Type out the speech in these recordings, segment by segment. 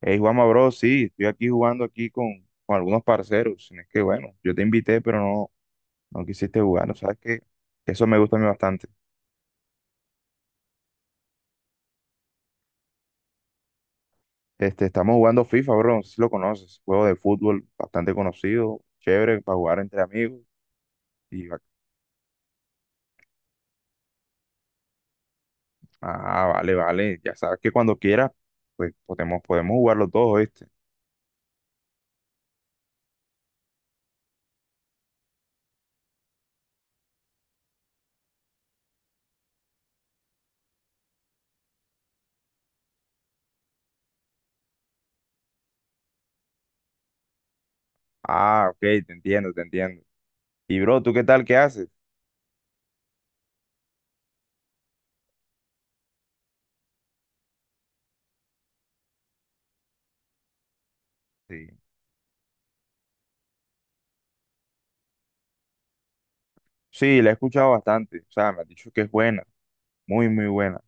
Hey, Juanma, bro, sí, estoy aquí jugando aquí con algunos parceros. Es que bueno, yo te invité, pero no, no quisiste jugar. ¿No? ¿Sabes que eso me gusta a mí bastante? Estamos jugando FIFA, bro, no sé si lo conoces. Juego de fútbol bastante conocido, chévere para jugar entre amigos. Y, va- ah, vale, vale. Ya sabes que cuando quieras, pues podemos, podemos jugarlo los dos, ¿viste? Ah, ok, te entiendo, te entiendo. Y, bro, ¿tú qué tal? ¿Qué haces? Sí, sí, la he escuchado bastante. O sea, me has dicho que es buena, muy, muy buena.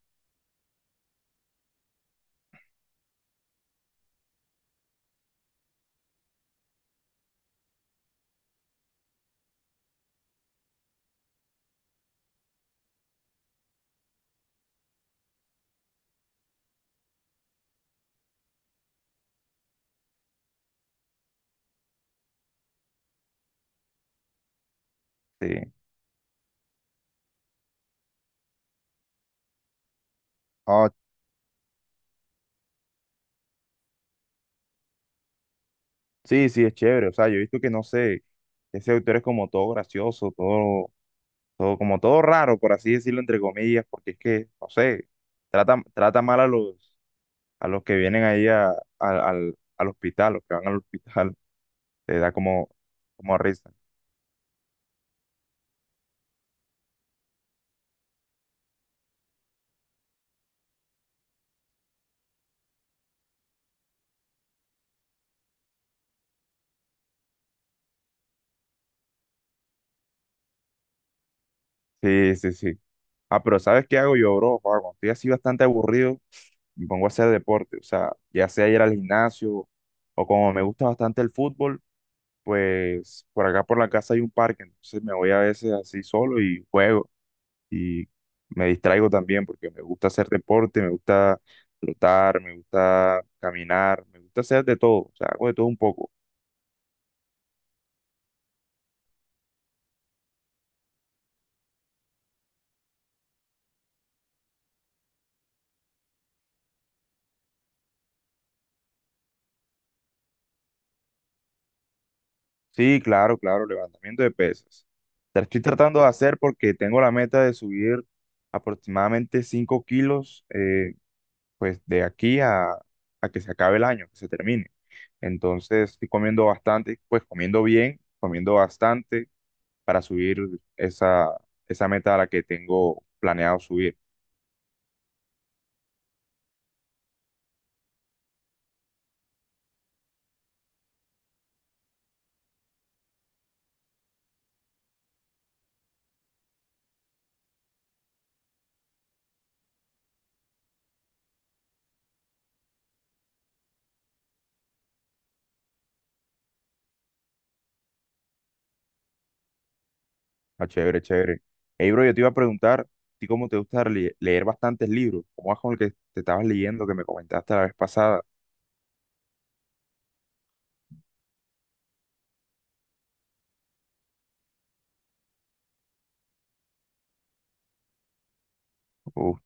Sí. Oh, sí, sí, es chévere. O sea, yo he visto que no sé, ese autor es como todo gracioso, todo, todo, como todo raro, por así decirlo, entre comillas, porque es que, no sé, trata, trata mal a los que vienen ahí a- al, al hospital, los que van al hospital, te da como, como risa. Sí, sí, sí. Ah, pero ¿sabes qué hago yo, bro? Joder, cuando estoy así bastante aburrido, me pongo a hacer deporte. O sea, ya sea ir al gimnasio, o como me gusta bastante el fútbol, pues por acá por la casa hay un parque, entonces me voy a veces así solo y juego y me distraigo también porque me gusta hacer deporte, me gusta trotar, me gusta caminar, me gusta hacer de todo, o sea, hago de todo un poco. Sí, claro, claro, levantamiento de pesas. Te estoy tratando de hacer porque tengo la meta de subir aproximadamente 5 kilos, pues de aquí a que se acabe el año, que se termine. Entonces estoy comiendo bastante, pues comiendo bien, comiendo bastante para subir esa, esa meta a la que tengo planeado subir. Ah, chévere, chévere. Hey, bro, yo te iba a preguntar, ¿tú cómo te gusta leer bastantes libros? ¿Cómo vas con el que te estabas leyendo que me comentaste la vez pasada? Uf,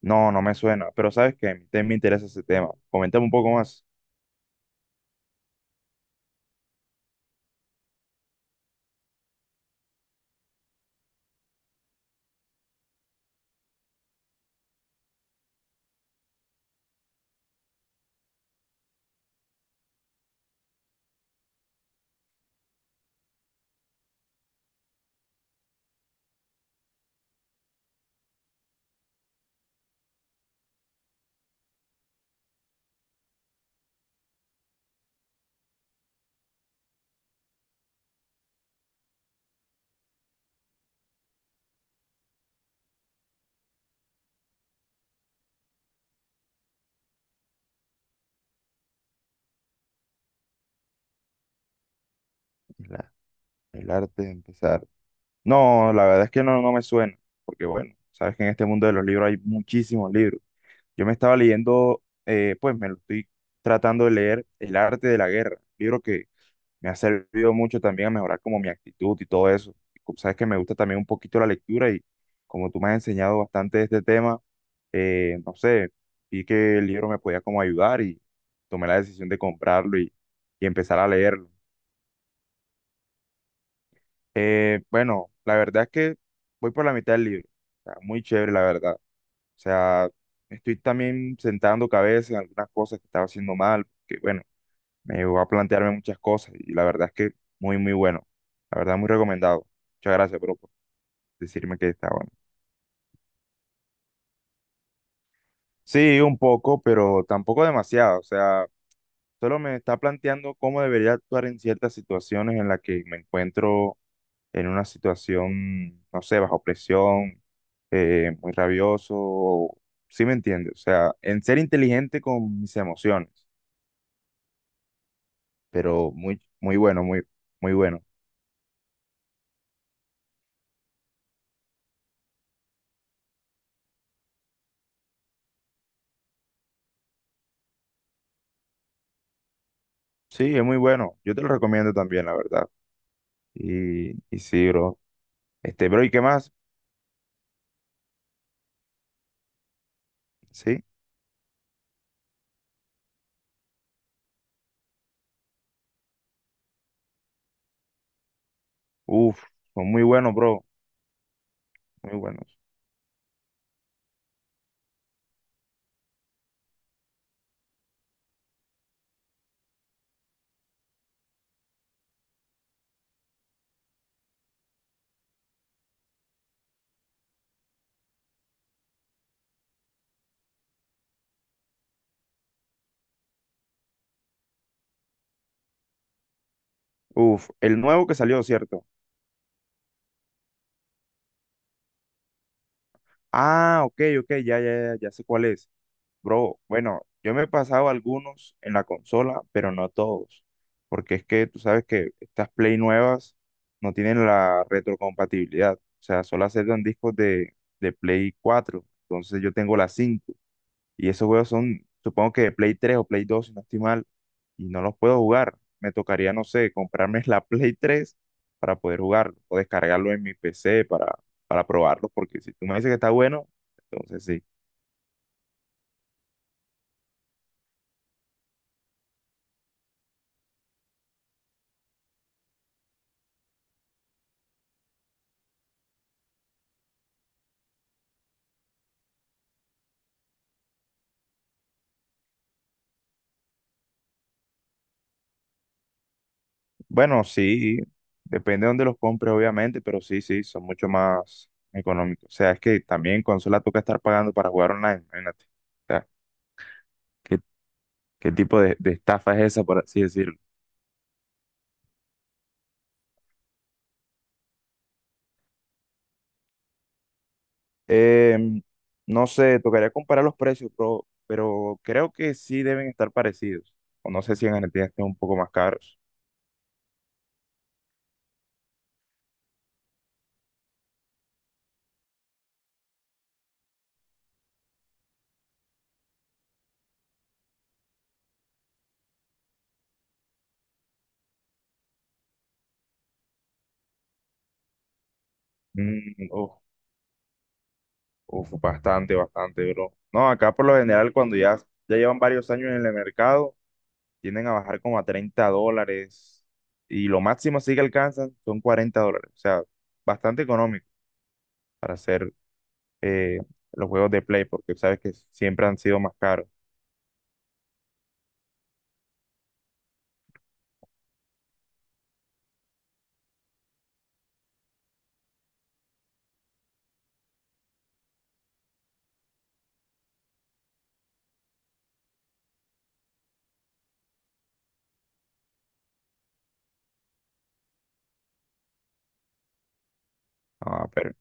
no, no me suena, pero sabes que a mí también me interesa ese tema. Coméntame un poco más. El, a- el arte de empezar. No, la verdad es que no, no me suena, porque bueno, sabes que en este mundo de los libros hay muchísimos libros. Yo me estaba leyendo, pues me lo estoy tratando de leer El arte de la guerra, libro que me ha servido mucho también a mejorar como mi actitud y todo eso. Y como sabes que me gusta también un poquito la lectura y como tú me has enseñado bastante de este tema, no sé, vi que el libro me podía como ayudar y tomé la decisión de comprarlo y empezar a leerlo. Bueno, la verdad es que voy por la mitad del libro. O sea, muy chévere, la verdad. O sea, me estoy también sentando cabeza en algunas cosas que estaba haciendo mal, que bueno, me llevó a plantearme muchas cosas y la verdad es que muy, muy bueno. La verdad, muy recomendado. Muchas gracias, bro, por decirme que está bueno. Sí, un poco, pero tampoco demasiado. O sea, solo me está planteando cómo debería actuar en ciertas situaciones en las que me encuentro en una situación, no sé, bajo presión, muy rabioso. Sí me entiende. O sea, en ser inteligente con mis emociones, pero muy, muy bueno, muy, muy bueno. Sí, es muy bueno. Yo te lo recomiendo también, la verdad. Y sí, bro. Bro, ¿y qué más? Sí. Uf, son muy buenos, bro. Muy buenos. Uf, el nuevo que salió, ¿cierto? Ah, ok, ok, ya, ya, ya, ya sé cuál es. Bro, bueno, yo me he pasado algunos en la consola, pero no todos. Porque es que tú sabes que estas Play nuevas no tienen la retrocompatibilidad. O sea, solo aceptan discos de Play 4. Entonces yo tengo la 5. Y esos juegos son, supongo que de Play 3 o Play 2, si no estoy mal, y no los puedo jugar. Me tocaría, no sé, comprarme la Play 3 para poder jugarlo o descargarlo en mi PC para probarlo, porque si tú me dices que está bueno, entonces sí. Bueno, sí, depende de dónde los compres, obviamente, pero sí, sí, son mucho más económicos. O sea, es que también en consola toca estar pagando para jugar online, imagínate. O sea, ¿qué, qué tipo de estafa es esa, por así decirlo? Em, no sé, tocaría comparar los precios, pero creo que sí deben estar parecidos. O no sé si en Argentina estén un poco más caros. Mm, uf, uf, bastante, bastante, bro. No, acá por lo general, cuando ya, ya llevan varios años en el mercado, tienden a bajar como a 30 dólares. Y lo máximo sí que alcanzan son 40 dólares. O sea, bastante económico para hacer eh, los juegos de Play, porque sabes que siempre han sido más caros. Ah, pero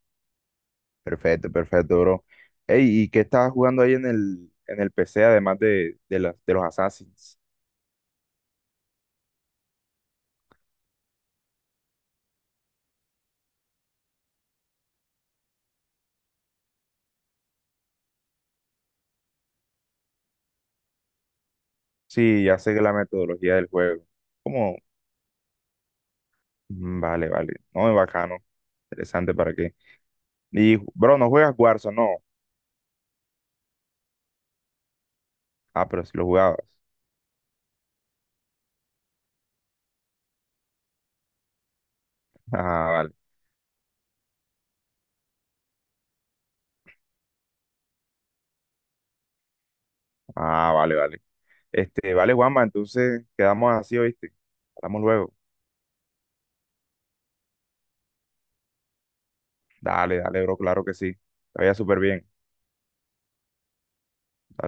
perfecto, perfecto, bro. Ey, ¿y qué estabas jugando ahí en el PC, además de, de los Assassins? Sí, ya sé que la metodología del juego. ¿Cómo? Mm, vale, vale. No, es bacano. Interesante, ¿para qué? Y, bro, ¿no juegas Warzone? No. Ah, pero si lo jugabas. Ah, vale. Ah, vale, vale. Vale, Juanma, entonces quedamos así, ¿oíste? Hablamos luego. Dale, dale, bro, claro que sí. Te vaya súper bien. Dale.